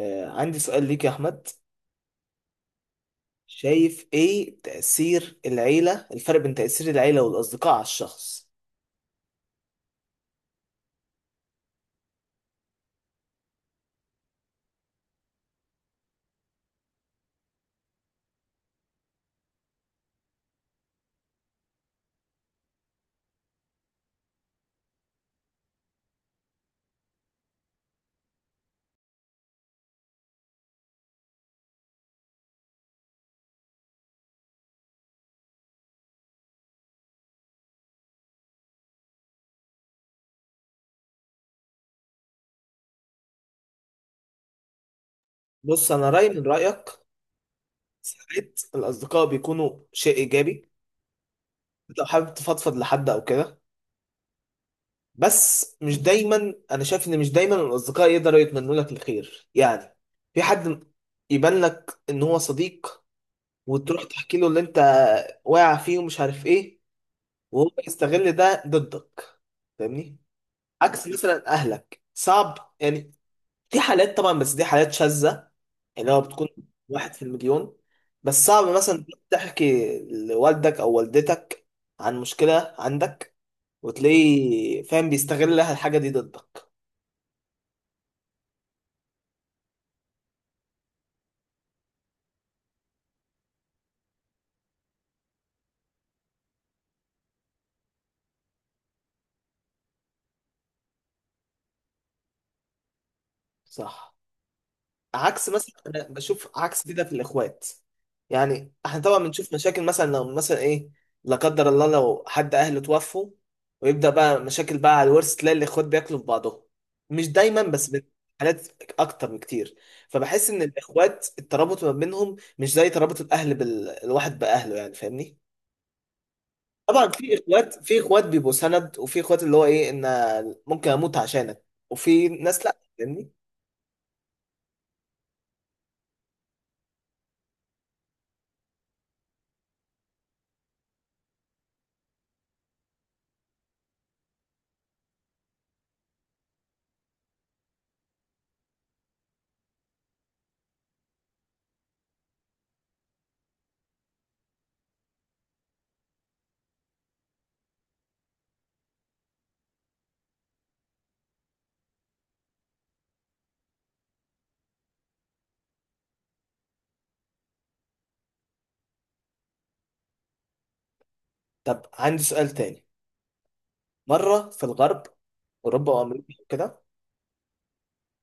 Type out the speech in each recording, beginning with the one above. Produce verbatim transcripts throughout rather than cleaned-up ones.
آه، عندي سؤال ليك يا أحمد. شايف إيه تأثير العيلة الفرق بين تأثير العيلة والأصدقاء على الشخص؟ بص، أنا رأيي من رأيك. ساعات الأصدقاء بيكونوا شيء إيجابي، أنت لو حابب تفضفض لحد أو كده. بس مش دايما، أنا شايف إن مش دايما الأصدقاء يقدروا يتمنوا لك الخير يعني. في حد يبان لك إن هو صديق، وتروح تحكي له اللي أنت واقع فيه ومش عارف إيه، وهو يستغل ده ضدك. فاهمني؟ عكس مثلا اهلك، صعب يعني. في حالات طبعا، بس دي حالات شاذة، يعني هو بتكون واحد في المليون. بس صعب مثلا تحكي لوالدك او والدتك عن مشكلة عندك وتلاقيه فاهم بيستغل الحاجة دي ضدك. صح. عكس مثلا، انا بشوف عكس كده في الاخوات. يعني احنا طبعا بنشوف مشاكل، مثلا لو مثلا ايه، لا قدر الله، لو حد اهله توفوا ويبدا بقى مشاكل بقى على الورث، تلاقي الاخوات بياكلوا في بعضهم. مش دايما بس بت- حالات اكتر بكتير. فبحس ان الاخوات الترابط ما بينهم مش زي ترابط الاهل بالواحد باهله، يعني فاهمني. طبعا في اخوات في اخوات بيبقوا سند، وفي اخوات اللي هو ايه، ان ممكن اموت عشانك، وفي ناس لا. فاهمني؟ طب عندي سؤال تاني. مرة في الغرب، أوروبا وأمريكا كده،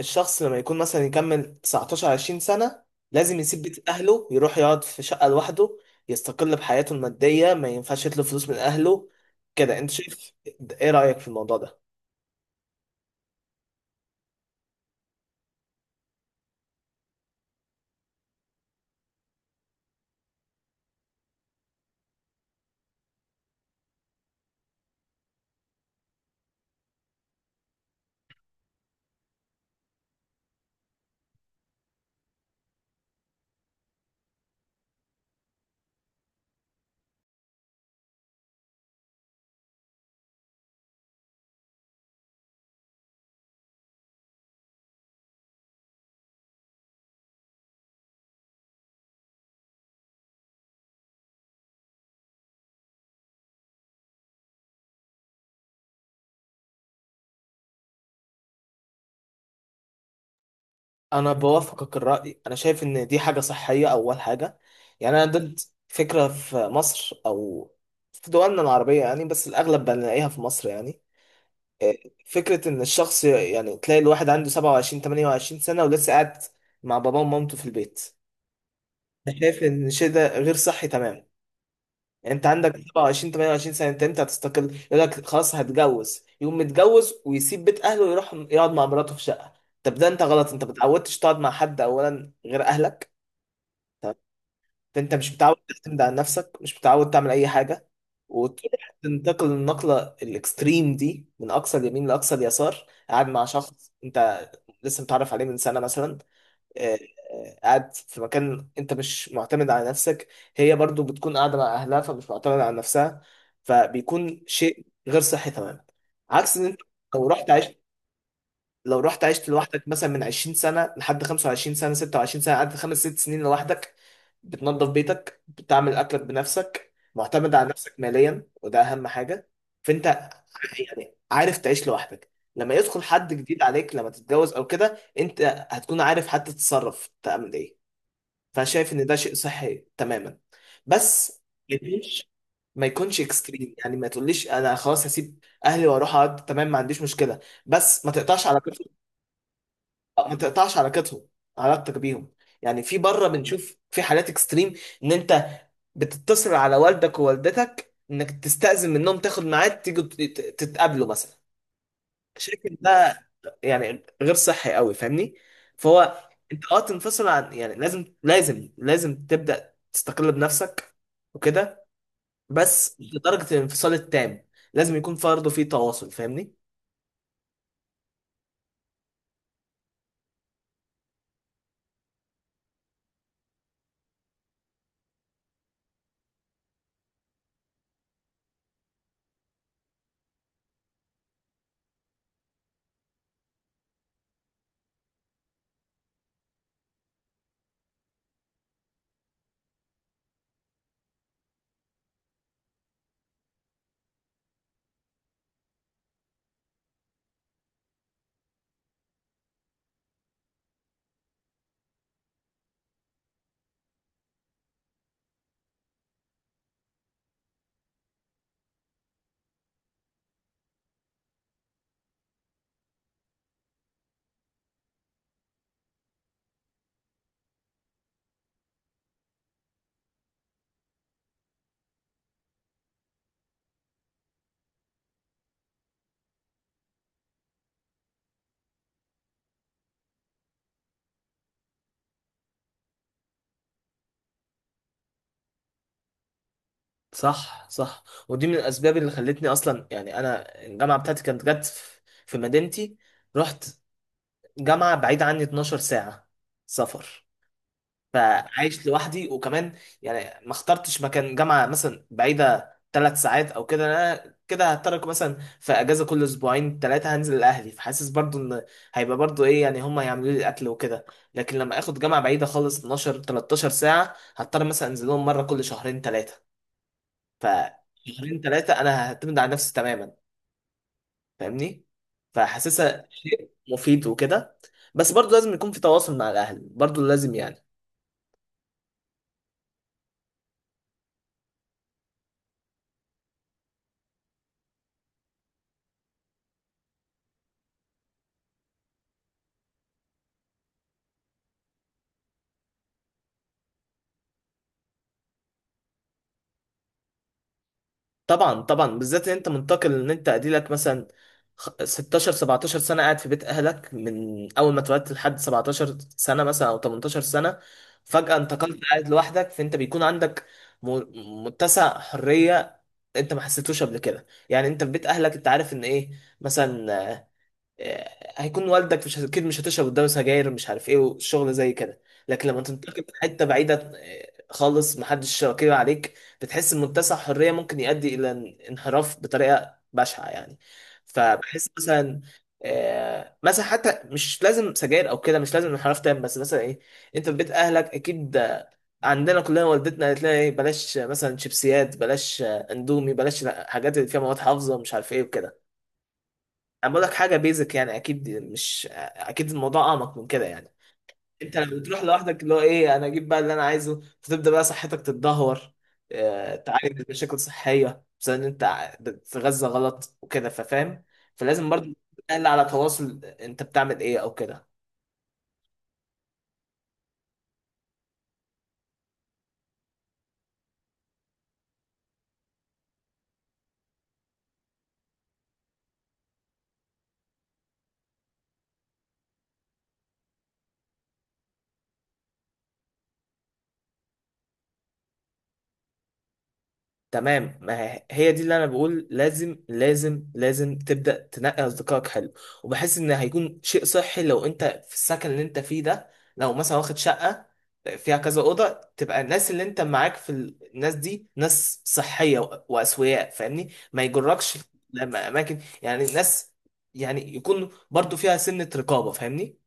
الشخص لما يكون مثلا يكمل تسعتاشر عشرين سنة، لازم يسيب بيت أهله، يروح يقعد في شقة لوحده، يستقل بحياته المادية، ما ينفعش يطلب فلوس من أهله. كده أنت شايف، إيه رأيك في الموضوع ده؟ أنا بوافقك الرأي، أنا شايف إن دي حاجة صحية، أول حاجة. يعني أنا ضد فكرة في مصر أو في دولنا العربية، يعني بس الأغلب بنلاقيها في مصر يعني، فكرة إن الشخص، يعني تلاقي الواحد عنده سبعة وعشرين ثمانية وعشرين سنة ولسه قاعد مع باباه ومامته في البيت. أنا شايف إن الشيء ده غير صحي تمام. يعني أنت عندك سبعة وعشرين ثمانية وعشرين سنة، أنت أنت هتستقل، يقول لك خلاص هتجوز، يقوم متجوز ويسيب بيت أهله ويروح يقعد مع مراته في شقة. طب ده أنت غلط، أنت ما اتعودتش تقعد مع حد أولا غير أهلك. ده انت مش متعود تعتمد على نفسك، مش متعود تعمل اي حاجه. وتروح تنتقل النقله الاكستريم دي، من اقصى اليمين لاقصى اليسار، قاعد مع شخص انت لسه متعرف عليه من سنه مثلا. آه، آه، قاعد في مكان انت مش معتمد على نفسك، هي برضو بتكون قاعده مع اهلها فمش معتمده على نفسها، فبيكون شيء غير صحي تماما. عكس ان انت لو رحت عشت لو رحت عشت لوحدك، مثلا من عشرين سنة لحد خمسة وعشرين سنة ستة وعشرين سنة، قعدت خمس ست سنين لوحدك، بتنظف بيتك، بتعمل أكلك بنفسك، معتمد على نفسك ماليا، وده أهم حاجة. فأنت يعني عارف تعيش لوحدك. لما يدخل حد جديد عليك، لما تتجوز أو كده، أنت هتكون عارف حتى تتصرف تعمل إيه. فأنا شايف إن ده شيء صحي تماما. بس ما يكونش ما يكونش اكستريم، يعني ما تقوليش انا خلاص هسيب اهلي واروح اقعد، تمام ما عنديش مشكله، بس ما تقطعش علاقتك. آه، ما تقطعش علاقتهم علاقتك بيهم. يعني في بره بنشوف في حالات اكستريم، ان انت بتتصل على والدك ووالدتك انك تستأذن منهم تاخد ميعاد تيجوا تت- تتقابلوا مثلا. شايف إن ده يعني غير صحي قوي، فاهمني؟ فهو انت اه تنفصل عن، يعني لازم لازم لازم تبدأ تستقل بنفسك وكده، بس مش لدرجة الانفصال التام. لازم يكون برضه في تواصل، فاهمني. صح صح. ودي من الاسباب اللي خلتني اصلا يعني، انا الجامعه بتاعتي كانت جت في في مدينتي. رحت جامعه بعيده عني اتناشر ساعه سفر، فعايش لوحدي. وكمان يعني ما اخترتش مكان جامعه مثلا بعيده ثلاث ساعات او كده. انا كده هترك مثلا في اجازه كل اسبوعين ثلاثه، هنزل لاهلي، فحاسس برضو ان هيبقى برضو ايه يعني، هم هيعملوا لي الاكل وكده. لكن لما اخد جامعه بعيده خالص اتناشر تلتاشر ساعه، هضطر مثلا انزل لهم مره كل شهرين ثلاثه. ف شهرين ثلاثة أنا هعتمد على نفسي تماما، فاهمني؟ فحاسسها شيء مفيد وكده. بس برضو لازم يكون في تواصل مع الأهل برضو، لازم يعني. طبعا طبعا، بالذات إن أنت منتقل. إن أنت أديلك مثلا، خ- ستاشر سبعتاشر سنة قاعد في بيت أهلك، من أول ما اتولدت لحد سبعتاشر سنة مثلا أو تمنتاشر سنة، فجأة انتقلت قاعد لوحدك، فأنت بيكون عندك م- متسع حرية أنت ما حسيتوش قبل كده. يعني أنت في بيت أهلك أنت عارف إن إيه، مثلا آه، هيكون والدك، مش اكيد مش هتشرب قدامه سجاير مش عارف ايه والشغل زي كده. لكن لما تنتقل في حته بعيده آه، خالص، محدش شاكر عليك، بتحس ان منتسع حريه ممكن يؤدي الى ان- انحراف بطريقه بشعه يعني. فبحس مثلا آه، مثلا، حتى مش لازم سجاير او كده، مش لازم انحراف تام، بس مثلا ايه، انت في بيت اهلك اكيد. آه، عندنا كلنا والدتنا قالت لنا ايه، بلاش آه، مثلا شيبسيات، بلاش آه، اندومي، بلاش حاجات اللي فيها مواد حافظه مش عارف ايه وكده. انا بقول لك حاجه بيزك يعني، اكيد مش اكيد، الموضوع اعمق من كده يعني. انت لما بتروح لوحدك، اللي هو ايه، انا اجيب بقى اللي انا عايزه، فتبدا بقى صحتك تتدهور. آه، تعاني من مشاكل صحيه بسبب ان انت بتتغذى غلط وكده، ففاهم. فلازم برضه تقل على تواصل، انت بتعمل ايه او كده. تمام، ما هي هي دي اللي انا بقول، لازم لازم لازم تبدا تنقي اصدقائك. حلو. وبحس ان هيكون شيء صحي لو انت في السكن اللي انت فيه ده، لو مثلا واخد شقه فيها كذا اوضه، تبقى الناس اللي انت معاك في ال- الناس دي ناس صحيه و- واسوياء، فاهمني، ما يجركش لما اماكن يعني الناس، يعني يكون برضو فيها سنه رقابه، فاهمني.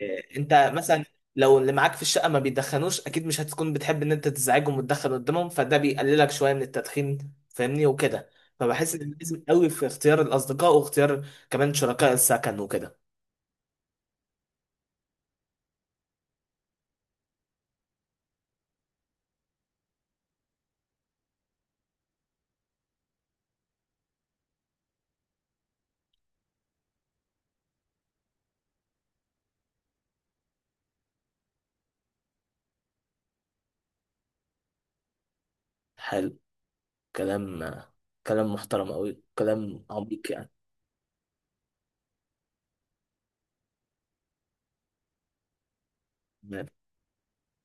إيه، انت مثلا لو اللي معاك في الشقه ما بيدخنوش، اكيد مش هتكون بتحب ان انت تزعجهم وتدخن قدامهم، فده بيقللك شويه من التدخين، فاهمني وكده. فبحس ان لازم قوي في اختيار الاصدقاء، واختيار كمان شركاء السكن وكده. حلو، كلام كلام محترم قوي، كلام عميق يعني.